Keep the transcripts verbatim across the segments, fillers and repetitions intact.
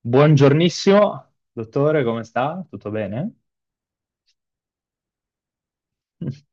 Buongiornissimo, dottore, come sta? Tutto bene?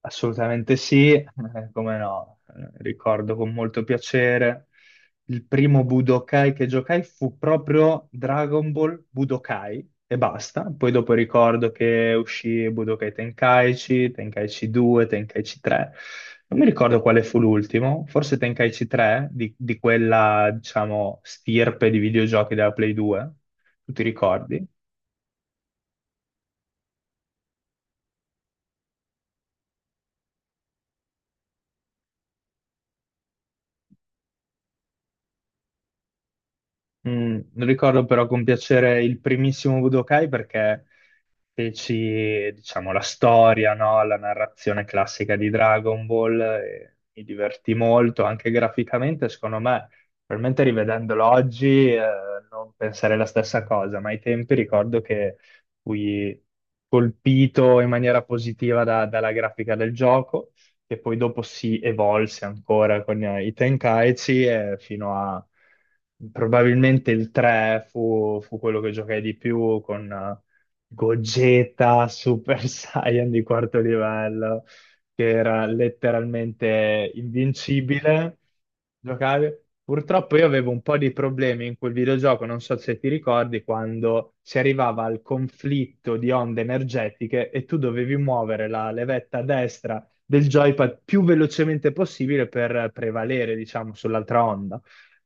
Assolutamente sì, eh, come no. Eh, Ricordo con molto piacere il primo Budokai che giocai fu proprio Dragon Ball Budokai e basta. Poi dopo ricordo che uscì Budokai Tenkaichi, Tenkaichi due, Tenkaichi tre. Non mi ricordo quale fu l'ultimo, forse Tenkaichi tre di, di quella, diciamo, stirpe di videogiochi della Play due. Tu ti ricordi? Mm, ricordo però con piacere il primissimo Budokai perché feci, diciamo, la storia, no? La narrazione classica di Dragon Ball e mi divertì molto, anche graficamente, secondo me, probabilmente rivedendolo oggi, eh, non pensare la stessa cosa, ma ai tempi ricordo che fui colpito in maniera positiva da- dalla grafica del gioco, che poi dopo si evolse ancora con eh, i Tenkaichi e fino a... Probabilmente il tre fu, fu quello che giocai di più con Gogeta Super Saiyan di quarto livello, che era letteralmente invincibile. Giocavi. Purtroppo io avevo un po' di problemi in quel videogioco, non so se ti ricordi, quando si arrivava al conflitto di onde energetiche e tu dovevi muovere la levetta destra del joypad più velocemente possibile per prevalere, diciamo, sull'altra onda.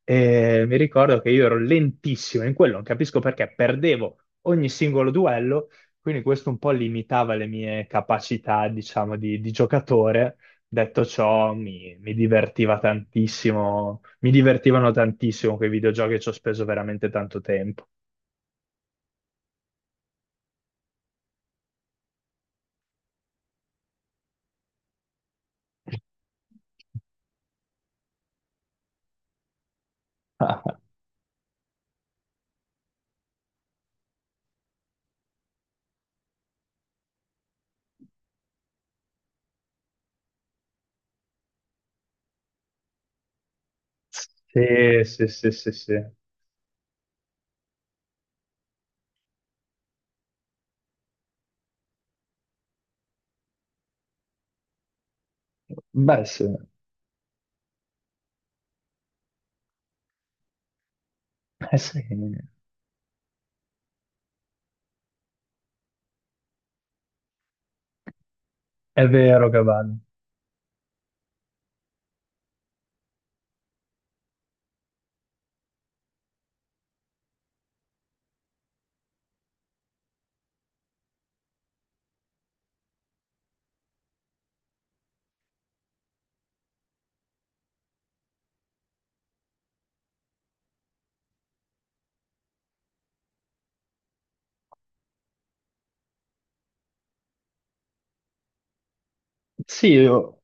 E mi ricordo che io ero lentissimo in quello, non capisco perché, perdevo ogni singolo duello, quindi questo un po' limitava le mie capacità, diciamo, di, di giocatore. Detto ciò, mi, mi divertiva tantissimo, mi divertivano tantissimo quei videogiochi, ci ho speso veramente tanto tempo. Sì, sì, sì, sì, sì. Beh, sì. Eh, sì, è vero che vanno. Sì, io-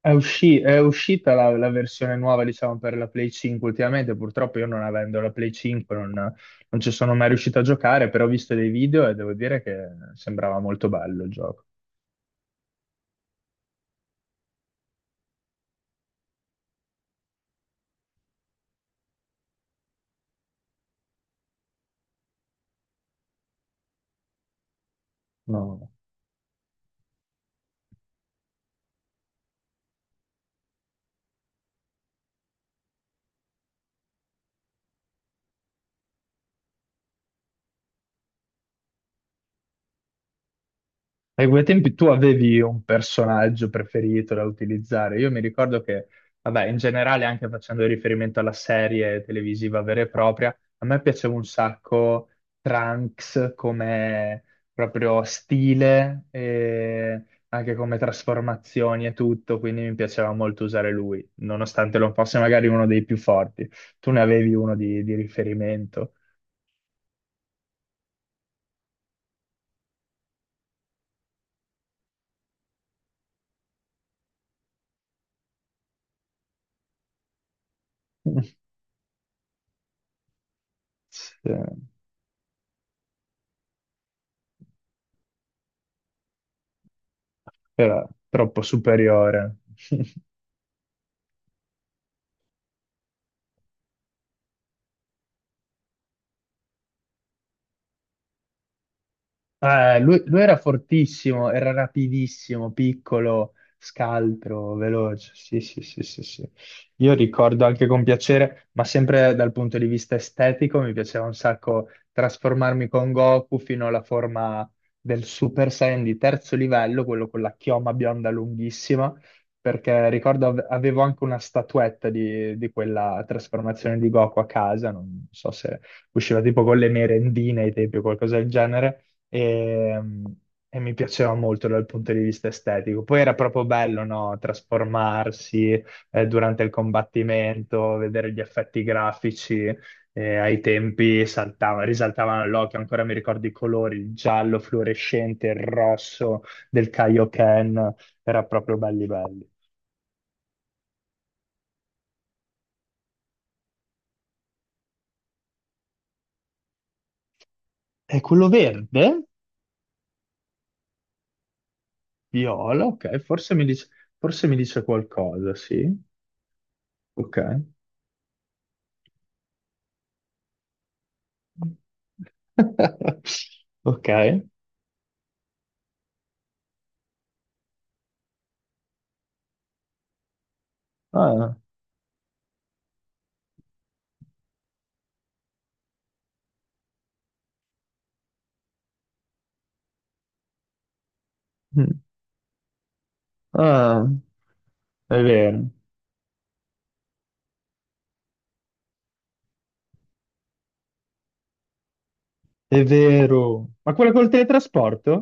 È, usci- è uscita la, la versione nuova, diciamo, per la Play cinque ultimamente. Purtroppo io non avendo la Play cinque non, non ci sono mai riuscito a giocare, però ho visto dei video e devo dire che sembrava molto bello il gioco. No. Ai quei tempi tu avevi un personaggio preferito da utilizzare. Io mi ricordo che, vabbè, in generale, anche facendo riferimento alla serie televisiva vera e propria, a me piaceva un sacco Trunks come proprio stile e anche come trasformazioni e tutto, quindi mi piaceva molto usare lui, nonostante non fosse magari uno dei più forti. Tu ne avevi uno di, di riferimento, Sì, era troppo superiore. Eh, lui, lui era fortissimo, era rapidissimo, piccolo, scaltro, veloce. Sì, sì, sì, sì, sì. Io ricordo anche con piacere, ma sempre dal punto di vista estetico, mi piaceva un sacco trasformarmi con Goku fino alla forma del Super Saiyan di terzo livello, quello con la chioma bionda lunghissima, perché ricordo ave- avevo anche una statuetta di, di quella trasformazione di Goku a casa, non so se usciva tipo con le merendine ai tempi o qualcosa del genere e, e mi piaceva molto dal punto di vista estetico. Poi era proprio bello, no? Trasformarsi eh, durante il combattimento, vedere gli effetti grafici. eh, ai tempi saltava- risaltavano all'occhio, ancora mi ricordo i colori, il giallo fluorescente, il rosso del Kaioken, era proprio belli belli. E quello verde, viola, ok, forse mi dice, forse mi dice qualcosa, sì, ok. Ok, Ah, mm, ah, è vero, è vero. Ma quella col teletrasporto?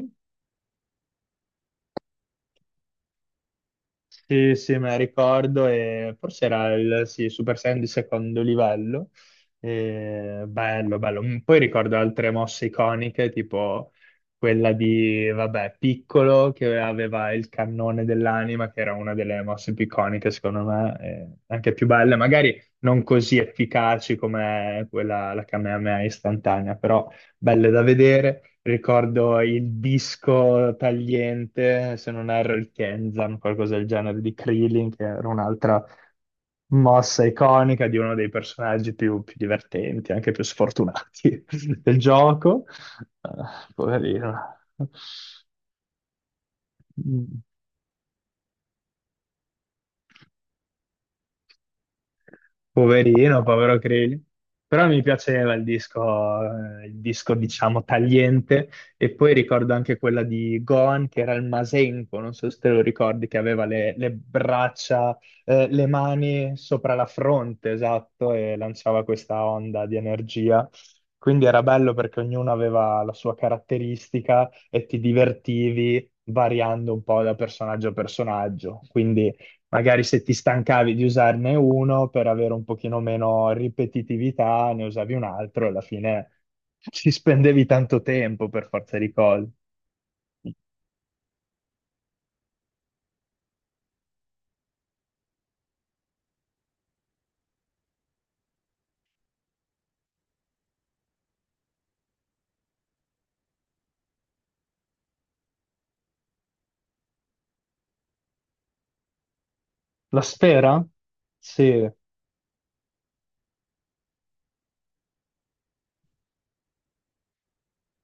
Sì, sì, me la ricordo e forse era il sì, Super Saiyan di secondo livello. E bello, bello. Mm, poi ricordo altre mosse iconiche, tipo quella di, vabbè, Piccolo che aveva il cannone dell'anima, che era una delle mosse più iconiche, secondo me, e anche più belle, magari non così efficaci come quella, la Kamehameha istantanea, però belle da vedere. Ricordo il disco tagliente, se non erro il Kenzan, qualcosa del genere di Krillin, che era un'altra mossa iconica di uno dei personaggi più, più divertenti, anche più sfortunati del gioco. Ah, poverino. Mm. Poverino, povero Creli. Però mi piaceva il disco, eh, il disco, diciamo, tagliente. E poi ricordo anche quella di Gohan, che era il Masenko, non so se te lo ricordi, che aveva le, le braccia, eh, le mani sopra la fronte, esatto, e lanciava questa onda di energia. Quindi era bello perché ognuno aveva la sua caratteristica e ti divertivi variando un po' da personaggio a personaggio. Quindi magari se ti stancavi di usarne uno per avere un pochino meno ripetitività, ne usavi un altro e alla fine ci spendevi tanto tempo per forza di cose. La sfera? Sì.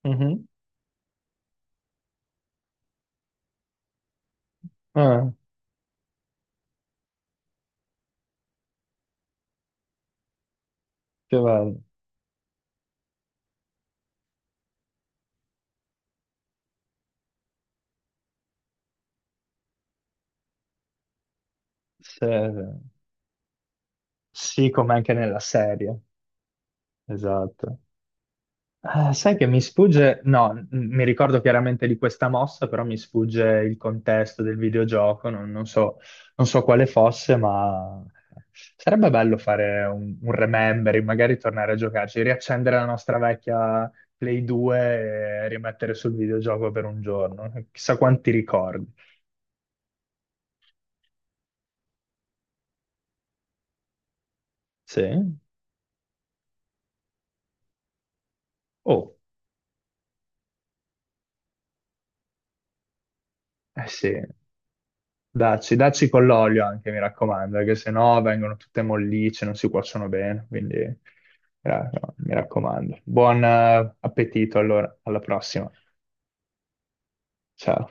Mhm. Ah, che bello. Sì, sì, sì, come anche nella serie. Esatto. Eh, sai che mi sfugge, no, m- mi ricordo chiaramente di questa mossa, però mi sfugge il contesto del videogioco, non, non so, non so quale fosse, ma sarebbe bello fare un, un remembering, magari tornare a giocarci, riaccendere la nostra vecchia Play due e rimettere sul videogioco per un giorno, chissà quanti ricordi. Sì? Oh, eh sì. Dacci, dacci con l'olio anche, mi raccomando, perché sennò vengono tutte mollicce, non si cuociono bene, quindi eh, no, mi raccomando. Buon eh, appetito allora, alla prossima. Ciao.